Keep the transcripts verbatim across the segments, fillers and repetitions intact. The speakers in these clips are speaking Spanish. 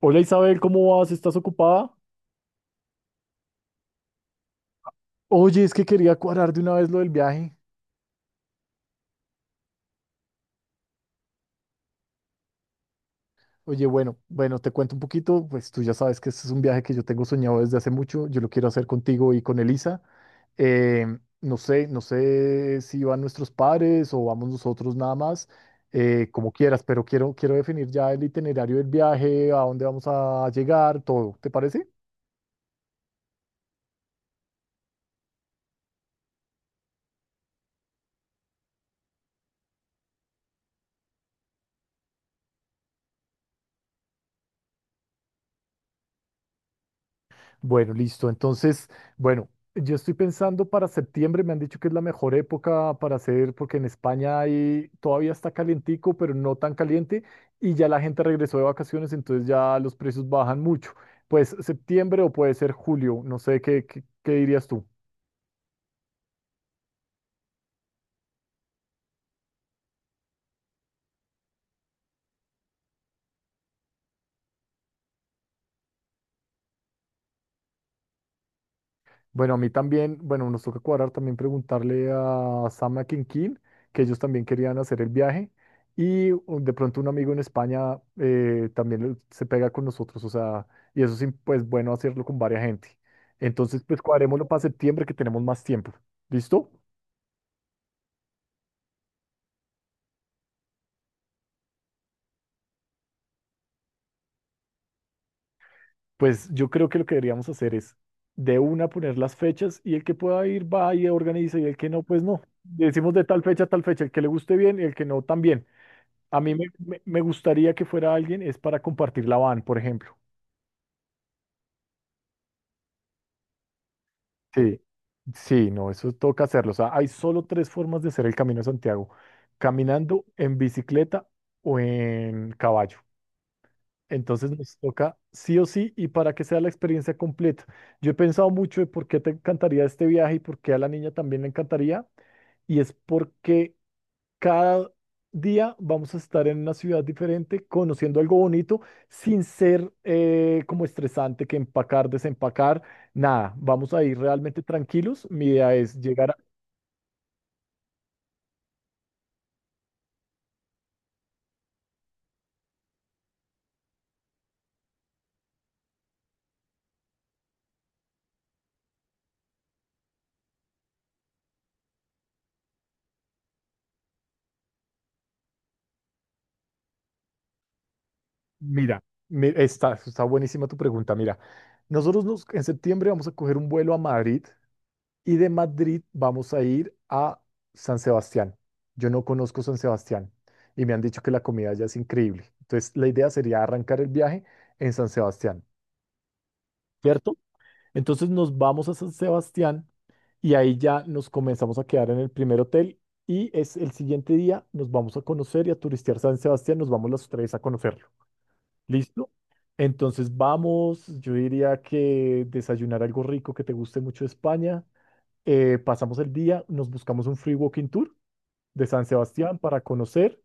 Hola Isabel, ¿cómo vas? ¿Estás ocupada? Oye, es que quería cuadrar de una vez lo del viaje. Oye, bueno, bueno, te cuento un poquito, pues tú ya sabes que este es un viaje que yo tengo soñado desde hace mucho, yo lo quiero hacer contigo y con Elisa. Em, no sé, no sé si van nuestros padres o vamos nosotros nada más, eh, como quieras, pero quiero, quiero definir ya el itinerario del viaje, a dónde vamos a llegar, todo, ¿te parece? Bueno, listo. Entonces, bueno, yo estoy pensando para septiembre, me han dicho que es la mejor época para hacer, porque en España hay, todavía está calientico, pero no tan caliente, y ya la gente regresó de vacaciones, entonces ya los precios bajan mucho. Pues septiembre o puede ser julio, no sé, ¿qué, qué, qué dirías tú? Bueno, a mí también, bueno, nos toca cuadrar también preguntarle a Sam a Kinkin, que ellos también querían hacer el viaje. Y uh, de pronto un amigo en España eh, también se pega con nosotros, o sea, y eso sí, pues bueno, hacerlo con varias gente. Entonces, pues cuadrémoslo para septiembre que tenemos más tiempo. ¿Listo? Pues yo creo que lo que deberíamos hacer es de una poner las fechas y el que pueda ir va y organiza y el que no, pues no. Decimos de tal fecha a tal fecha, el que le guste bien y el que no también. A mí me, me- me gustaría que fuera alguien, es para compartir la van, por ejemplo. Sí, sí, no, eso toca hacerlo. O sea, hay solo tres formas de hacer el Camino de Santiago, caminando, en bicicleta o en caballo. Entonces nos toca sí o sí y para que sea la experiencia completa. Yo he pensado mucho de por qué te encantaría este viaje y por qué a la niña también le encantaría. Y es porque cada día vamos a estar en una ciudad diferente, conociendo algo bonito, sin ser eh, como estresante que empacar, desempacar, nada. Vamos a ir realmente tranquilos. Mi idea es llegar a. Mira, mi- está, está buenísima tu pregunta. Mira, nosotros nos- en septiembre vamos a coger un vuelo a Madrid y de Madrid vamos a ir a San Sebastián. Yo no conozco San Sebastián y me han dicho que la comida allá es increíble. Entonces, la idea sería arrancar el viaje en San Sebastián. ¿Cierto? Entonces nos vamos a San Sebastián y ahí ya nos comenzamos a quedar en el primer hotel y es el siguiente día nos vamos a conocer y a turistear San Sebastián, nos vamos los tres a conocerlo. ¿Listo? Entonces vamos, yo diría que desayunar algo rico que te guste mucho de España, eh, pasamos el día, nos buscamos un free walking tour de San Sebastián para conocer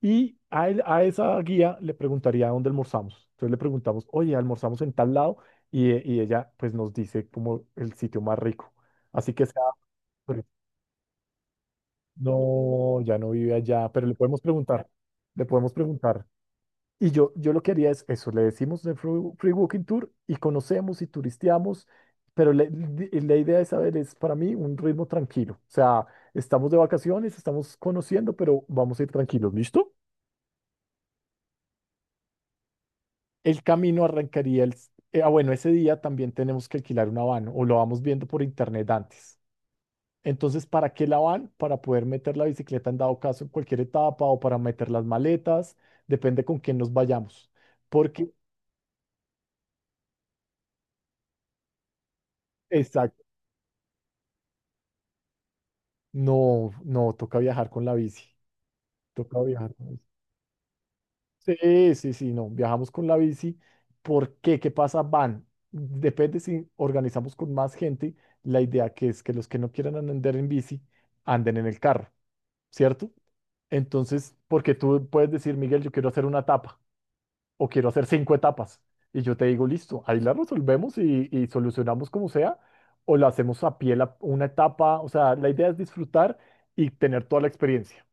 y a, él- a esa guía le preguntaría dónde almorzamos. Entonces le preguntamos, oye, almorzamos en tal lado y, e- y ella pues nos dice como el sitio más rico. Así que sea, pero no, ya no vive allá, pero le podemos preguntar, le podemos preguntar. Y yo, yo lo que haría es eso, le decimos de Free, Free Walking Tour y conocemos y turisteamos, pero la, la idea de saber es para mí un ritmo tranquilo. O sea, estamos de vacaciones, estamos conociendo, pero vamos a ir tranquilos, ¿listo? El camino arrancaría el s- eh, ah, bueno, ese día también tenemos que alquilar una van o lo vamos viendo por internet antes. Entonces, ¿para qué la van? Para poder meter la bicicleta en dado caso en cualquier etapa o para meter las maletas, depende con quién nos vayamos. Porque, exacto, no, no, toca viajar con la bici. Toca viajar con la bici. Sí, sí, sí, no, viajamos con la bici. ¿Por qué? ¿Qué pasa? Van. Depende si organizamos con más gente. La idea que es que los que no quieran andar en bici anden en el carro. ¿Cierto? Entonces, porque tú puedes decir, Miguel, yo quiero hacer una etapa o quiero hacer cinco etapas. Y yo te digo, listo, ahí la resolvemos y, y solucionamos como sea, o la hacemos a pie la- una etapa. O sea, la idea es disfrutar y tener toda la experiencia.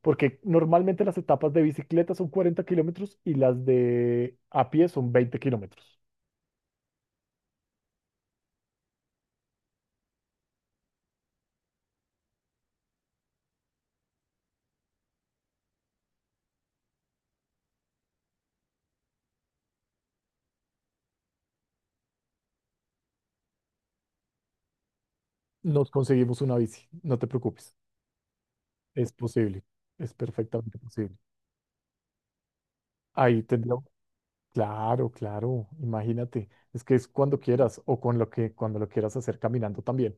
Porque normalmente las etapas de bicicleta son cuarenta kilómetros y las de a pie son veinte kilómetros. Nos conseguimos una bici, no te preocupes. Es posible, es perfectamente posible. Ahí tendría. Claro, claro, imagínate, es que es cuando quieras o con lo que cuando lo quieras hacer caminando también.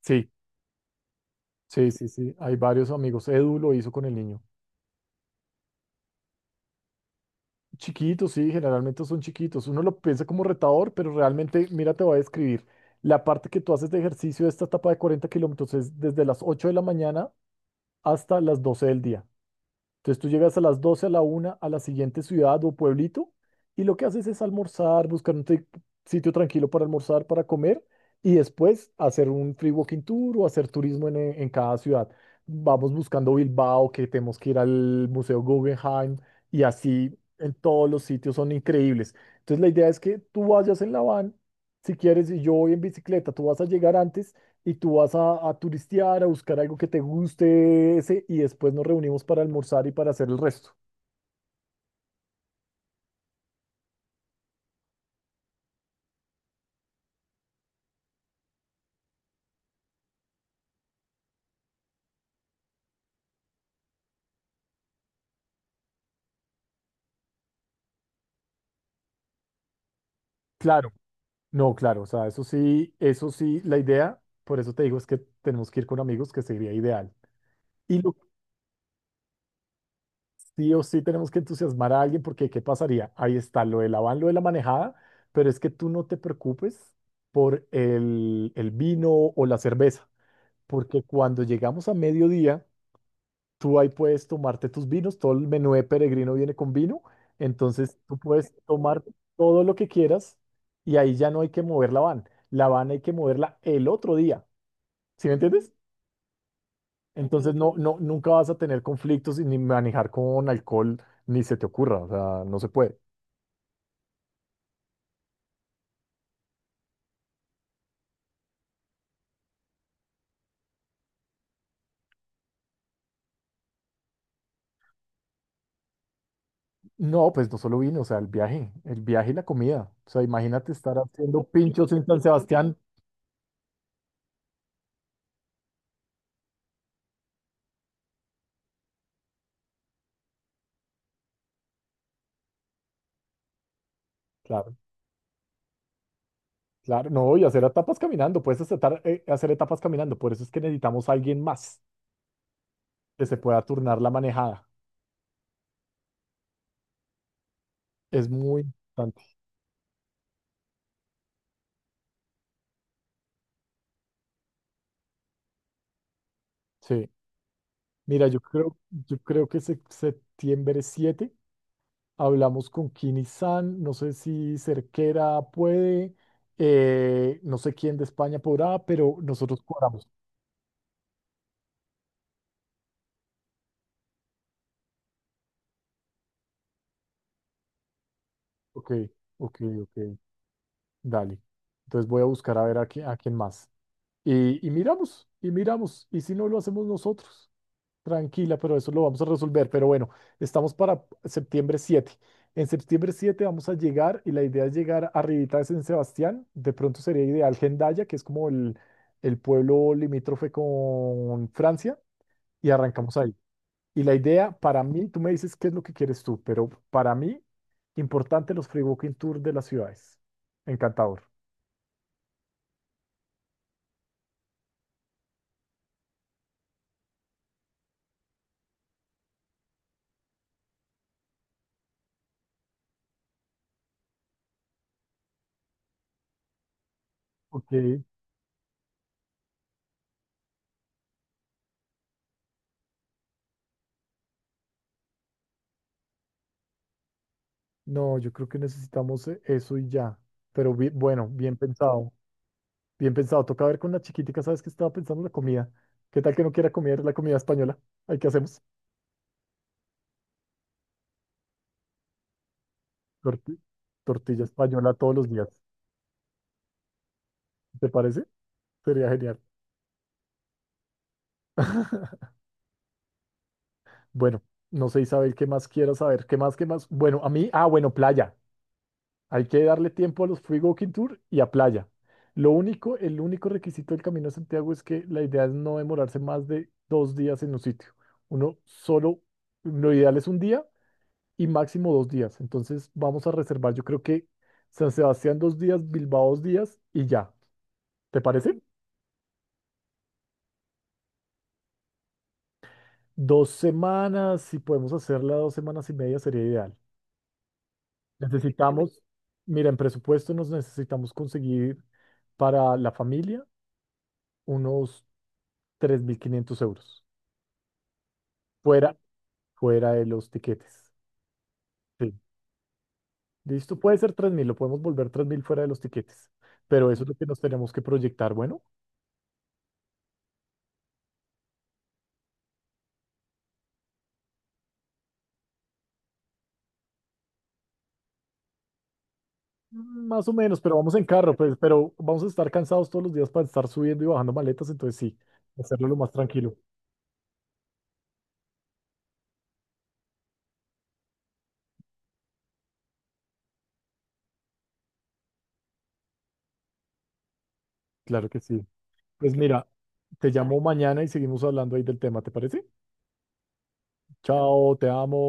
Sí, sí, sí, sí, hay varios amigos. Edu lo hizo con el niño. Chiquitos, sí, generalmente son chiquitos. Uno lo piensa como retador, pero realmente, mira, te voy a describir. La parte que tú haces de ejercicio de esta etapa de cuarenta kilómetros es desde las ocho de la mañana hasta las doce del día. Entonces tú llegas a las doce a la una a la siguiente ciudad o pueblito y lo que haces es almorzar, buscar un tri- sitio tranquilo para almorzar, para comer y después hacer un free walking tour o hacer turismo en, en cada ciudad. Vamos buscando Bilbao, que tenemos que ir al Museo Guggenheim y así en todos los sitios son increíbles. Entonces la idea es que tú vayas en la van, si quieres, y yo voy en bicicleta, tú vas a llegar antes y tú vas a, a turistear, a buscar algo que te guste ese, y después nos reunimos para almorzar y para hacer el resto. Claro, no, claro, o sea, eso sí, eso sí, la idea, por eso te digo, es que tenemos que ir con amigos, que sería ideal. Y lo que sí o sí tenemos que entusiasmar a alguien, porque ¿qué pasaría? Ahí está lo del van, lo de la manejada, pero es que tú no te preocupes por el, el vino o la cerveza, porque cuando llegamos a mediodía, tú ahí puedes tomarte tus vinos, todo el menú de peregrino viene con vino, entonces tú puedes tomar todo lo que quieras y ahí ya no hay que mover la van. La van hay que moverla el otro día, ¿sí me entiendes? Entonces no, no, nunca vas a tener conflictos y ni manejar con alcohol, ni se te ocurra, o sea, no se puede. No, pues no solo vino, o sea, el viaje, el viaje y la comida. O sea, imagínate estar haciendo pinchos en San Sebastián. Claro, claro, no, y hacer etapas caminando, puedes hacer, tar- eh, hacer etapas caminando, por eso es que necesitamos a alguien más. Que se pueda turnar la manejada. Es muy importante. Sí. Mira, yo creo, yo creo que se- septiembre siete hablamos con Kini San, no sé si Cerquera puede, eh, no sé quién de España podrá, pero nosotros cuadramos. Ok, ok, ok, dale. Entonces voy a buscar a ver a, qui- a quién más. Y, y miramos, y miramos, y si no lo hacemos nosotros. Tranquila, pero eso lo vamos a resolver. Pero bueno, estamos para septiembre siete. En septiembre siete vamos a llegar y la idea es llegar arribita de San Sebastián. De pronto sería ideal Hendaya, que es como el, el pueblo limítrofe con Francia, y arrancamos ahí. Y la idea para mí, tú me dices qué es lo que quieres tú, pero para mí, importante los free walking tour de las ciudades. Encantador. Ok, no, yo creo que necesitamos eh, eso y ya. Pero bi- bueno, bien pensado. Bien pensado, toca ver con la chiquitica, ¿sabes qué estaba pensando? La comida. ¿Qué tal que no quiera comer la comida española? ¿Ahí qué hacemos? Torti- tortilla española todos los días. ¿Te parece? Sería genial. Bueno, no sé, Isabel, ¿qué más quieras saber? ¿Qué más, qué más? Bueno, a mí, ah, bueno, playa. Hay que darle tiempo a los Free Walking Tour y a playa. Lo único, el único requisito del Camino de Santiago es que la idea es no demorarse más de dos días en un sitio. Uno solo, lo ideal es un día y máximo dos días. Entonces vamos a reservar, yo creo que San Sebastián dos días, Bilbao dos días y ya. ¿Te parece? Dos semanas, si podemos hacerla dos semanas y media sería ideal. Necesitamos, mira, en presupuesto nos necesitamos conseguir para la familia unos tres mil quinientos euros, fuera, fuera de los tiquetes. Sí. ¿Listo? Puede ser tres mil lo podemos volver tres mil fuera de los tiquetes, pero eso es lo que nos tenemos que proyectar, bueno. Más o menos, pero vamos en carro, pues, pero vamos a estar cansados todos los días para estar subiendo y bajando maletas, entonces sí, hacerlo lo más tranquilo. Claro que sí. Pues mira, te llamo mañana y seguimos hablando ahí del tema, ¿te parece? Chao, te amo.